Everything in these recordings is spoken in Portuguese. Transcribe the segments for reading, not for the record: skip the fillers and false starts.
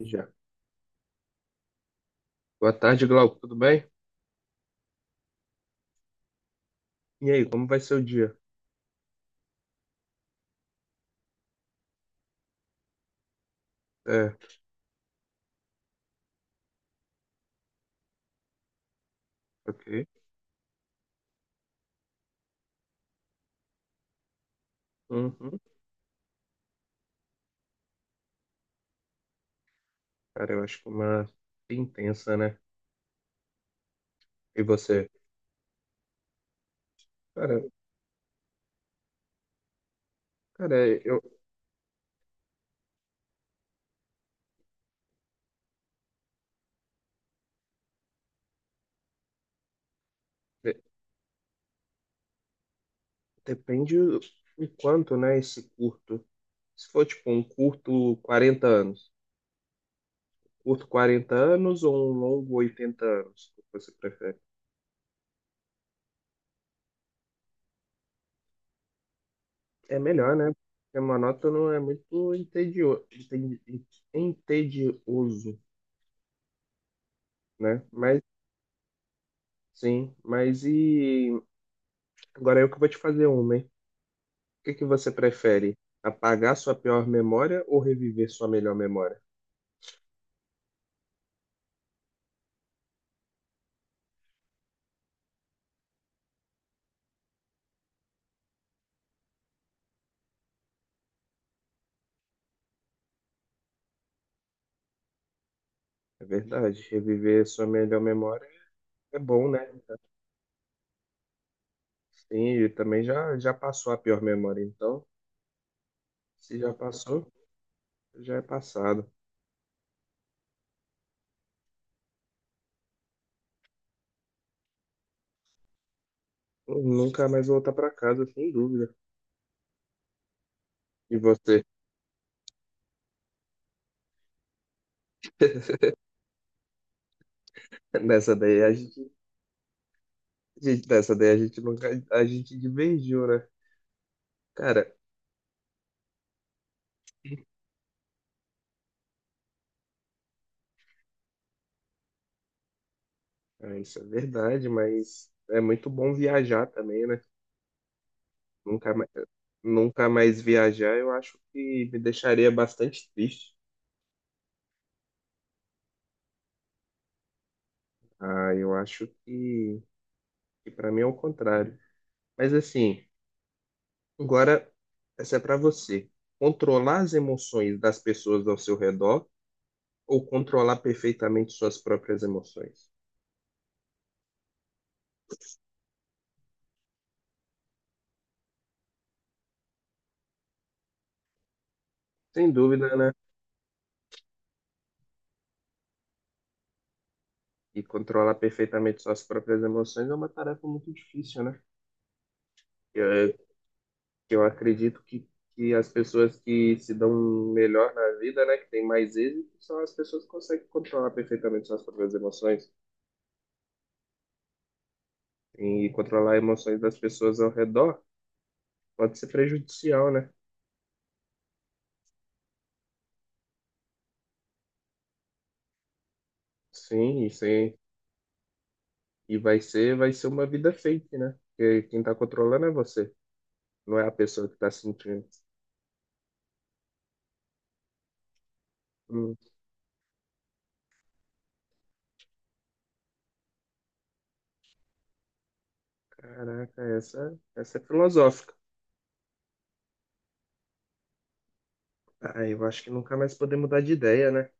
Já. Boa tarde, Glauco. Tudo bem? E aí, como vai ser o dia? É, ok. Uhum. Cara, eu acho que é uma intensa, né? E você? Cara, cara, eu de- depende o quanto, né, esse curto. Se for tipo um curto 40 anos, curto 40 anos ou um longo 80 anos, o que você prefere? É melhor, né? Porque monótono é muito entedioso, né? Mas sim, mas e agora eu que vou te fazer uma, hein? O que que você prefere? Apagar sua pior memória ou reviver sua melhor memória? É verdade, reviver sua melhor memória é bom, né? Sim, e também já passou a pior memória, então, se já passou, já é passado. Nunca mais voltar para casa, sem dúvida. E você, nessa daí a nessa daí a gente nunca, a gente divergiu, né? Cara, é, isso é verdade, mas é muito bom viajar também, né? Nunca mais, nunca mais viajar, eu acho que me deixaria bastante triste. Ah, eu acho que para mim é o contrário. Mas assim, agora essa é para você. Controlar as emoções das pessoas ao seu redor ou controlar perfeitamente suas próprias emoções? Sem dúvida, né? E controlar perfeitamente suas próprias emoções é uma tarefa muito difícil, né? Eh, que Eu acredito que as pessoas que se dão melhor na vida, né, que têm mais êxito, são as pessoas que conseguem controlar perfeitamente suas próprias emoções. E controlar emoções das pessoas ao redor pode ser prejudicial, né? Sim, e sim. E vai ser uma vida fake, né? Porque quem tá controlando é você, não é a pessoa que tá sentindo. Hum, caraca, essa é filosófica. Ah, eu acho que nunca mais poder mudar de ideia, né?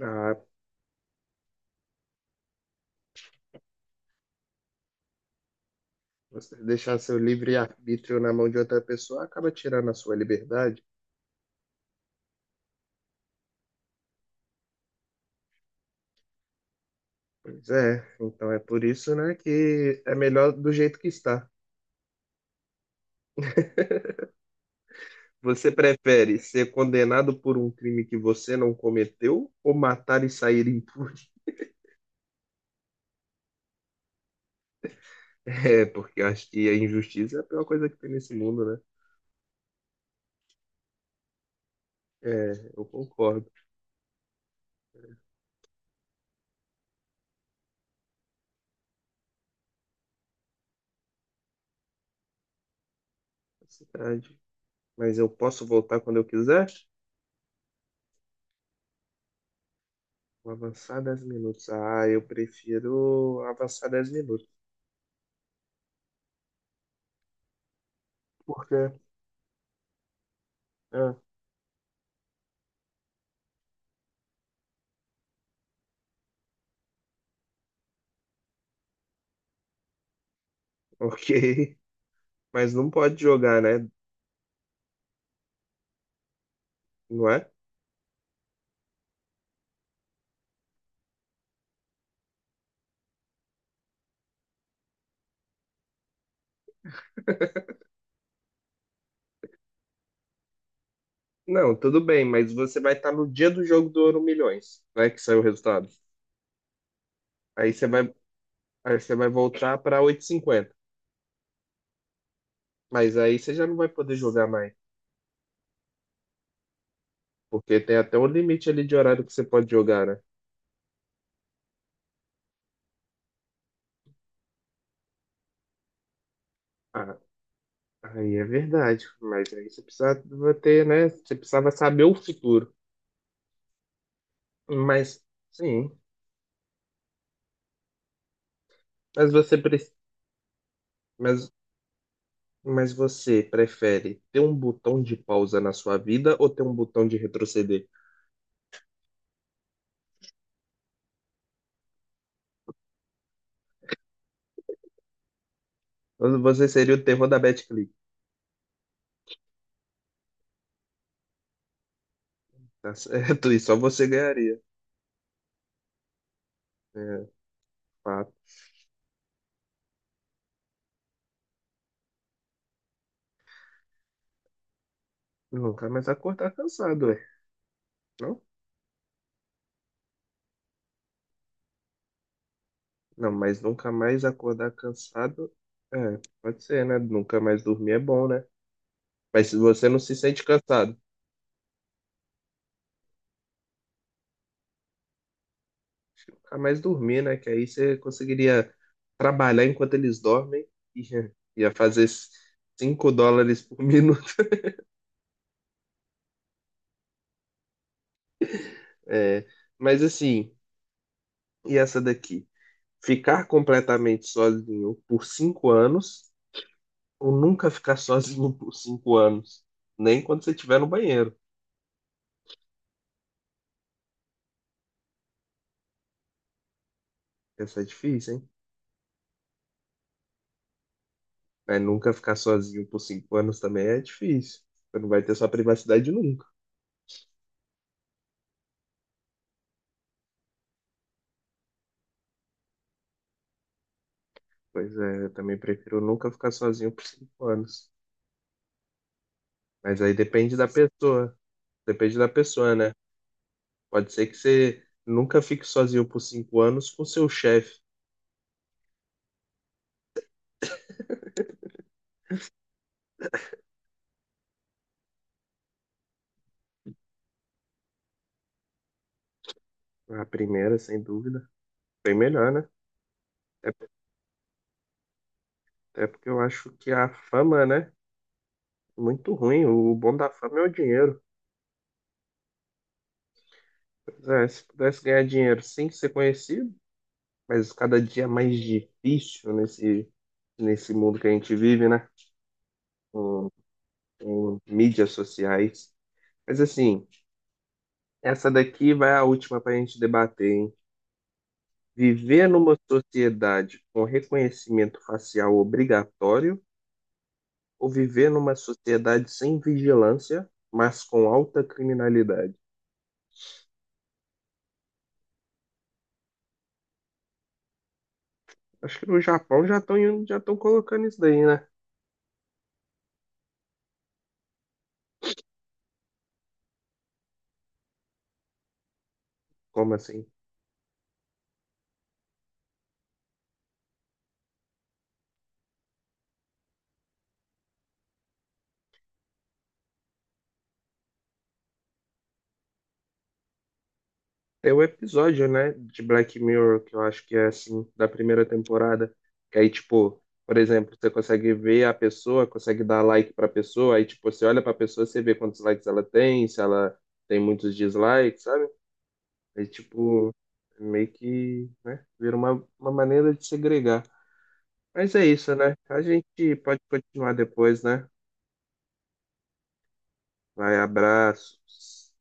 Ah, você deixar seu livre-arbítrio na mão de outra pessoa acaba tirando a sua liberdade. Pois é, então é por isso, né, que é melhor do jeito que está. Você prefere ser condenado por um crime que você não cometeu ou matar e sair impune? É, porque eu acho que a injustiça é a pior coisa que tem nesse mundo, né? É, eu concordo. É verdade. Mas eu posso voltar quando eu quiser? Vou avançar 10 minutos. Ah, eu prefiro avançar 10 minutos. Por quê? Ah, ok. Mas não pode jogar, né? Não é? Não, tudo bem, mas você vai estar no dia do jogo do Ouro Milhões, né? Que saiu o resultado. Aí você vai, aí você vai voltar para oito h 50. Mas aí você já não vai poder jogar mais. Porque tem até um limite ali de horário que você pode jogar, né? Ah, aí é verdade. Mas aí você precisava ter, né? Você precisava saber o futuro. Mas, sim. Mas você, pre- mas, mas você prefere ter um botão de pausa na sua vida ou ter um botão de retroceder? Você seria o terror da BetClick, tá certo? E só você ganharia. É, fato. Nunca mais acordar cansado, é. Não? Não, mas nunca mais acordar cansado. É, pode ser, né? Nunca mais dormir é bom, né? Mas se você não se sente cansado, acho que nunca mais dormir, né? Que aí você conseguiria trabalhar enquanto eles dormem e ia fazer US$ 5 por minuto. É, mas assim, e essa daqui? Ficar completamente sozinho por 5 anos ou nunca ficar sozinho por 5 anos. Nem quando você estiver no banheiro. Essa é difícil, hein? Mas nunca ficar sozinho por cinco anos também é difícil. Você não vai ter sua privacidade nunca. Pois é, eu também prefiro nunca ficar sozinho por cinco anos. Mas aí depende da pessoa. Depende da pessoa, né? Pode ser que você nunca fique sozinho por cinco anos com seu chefe. A primeira, sem dúvida. Bem melhor, né? É, é porque eu acho que a fama, né? É muito ruim. O bom da fama é o dinheiro. Pois é, se pudesse ganhar dinheiro sem ser conhecido, mas cada dia é mais difícil nesse mundo que a gente vive, né? Com, com mídias sociais. Mas assim, essa daqui vai a última para a gente debater, hein? Viver numa sociedade com reconhecimento facial obrigatório ou viver numa sociedade sem vigilância, mas com alta criminalidade? Acho que no Japão já estão colocando isso daí, né? Como assim? Tem um episódio, né, de Black Mirror que eu acho que é assim, da primeira temporada, que aí, tipo, por exemplo, você consegue ver a pessoa, consegue dar like pra pessoa, aí, tipo, você olha pra pessoa, você vê quantos likes ela tem, se ela tem muitos dislikes, sabe? Aí, tipo, meio que, né, vira uma maneira de segregar. Mas é isso, né? A gente pode continuar depois, né? Vai, abraços.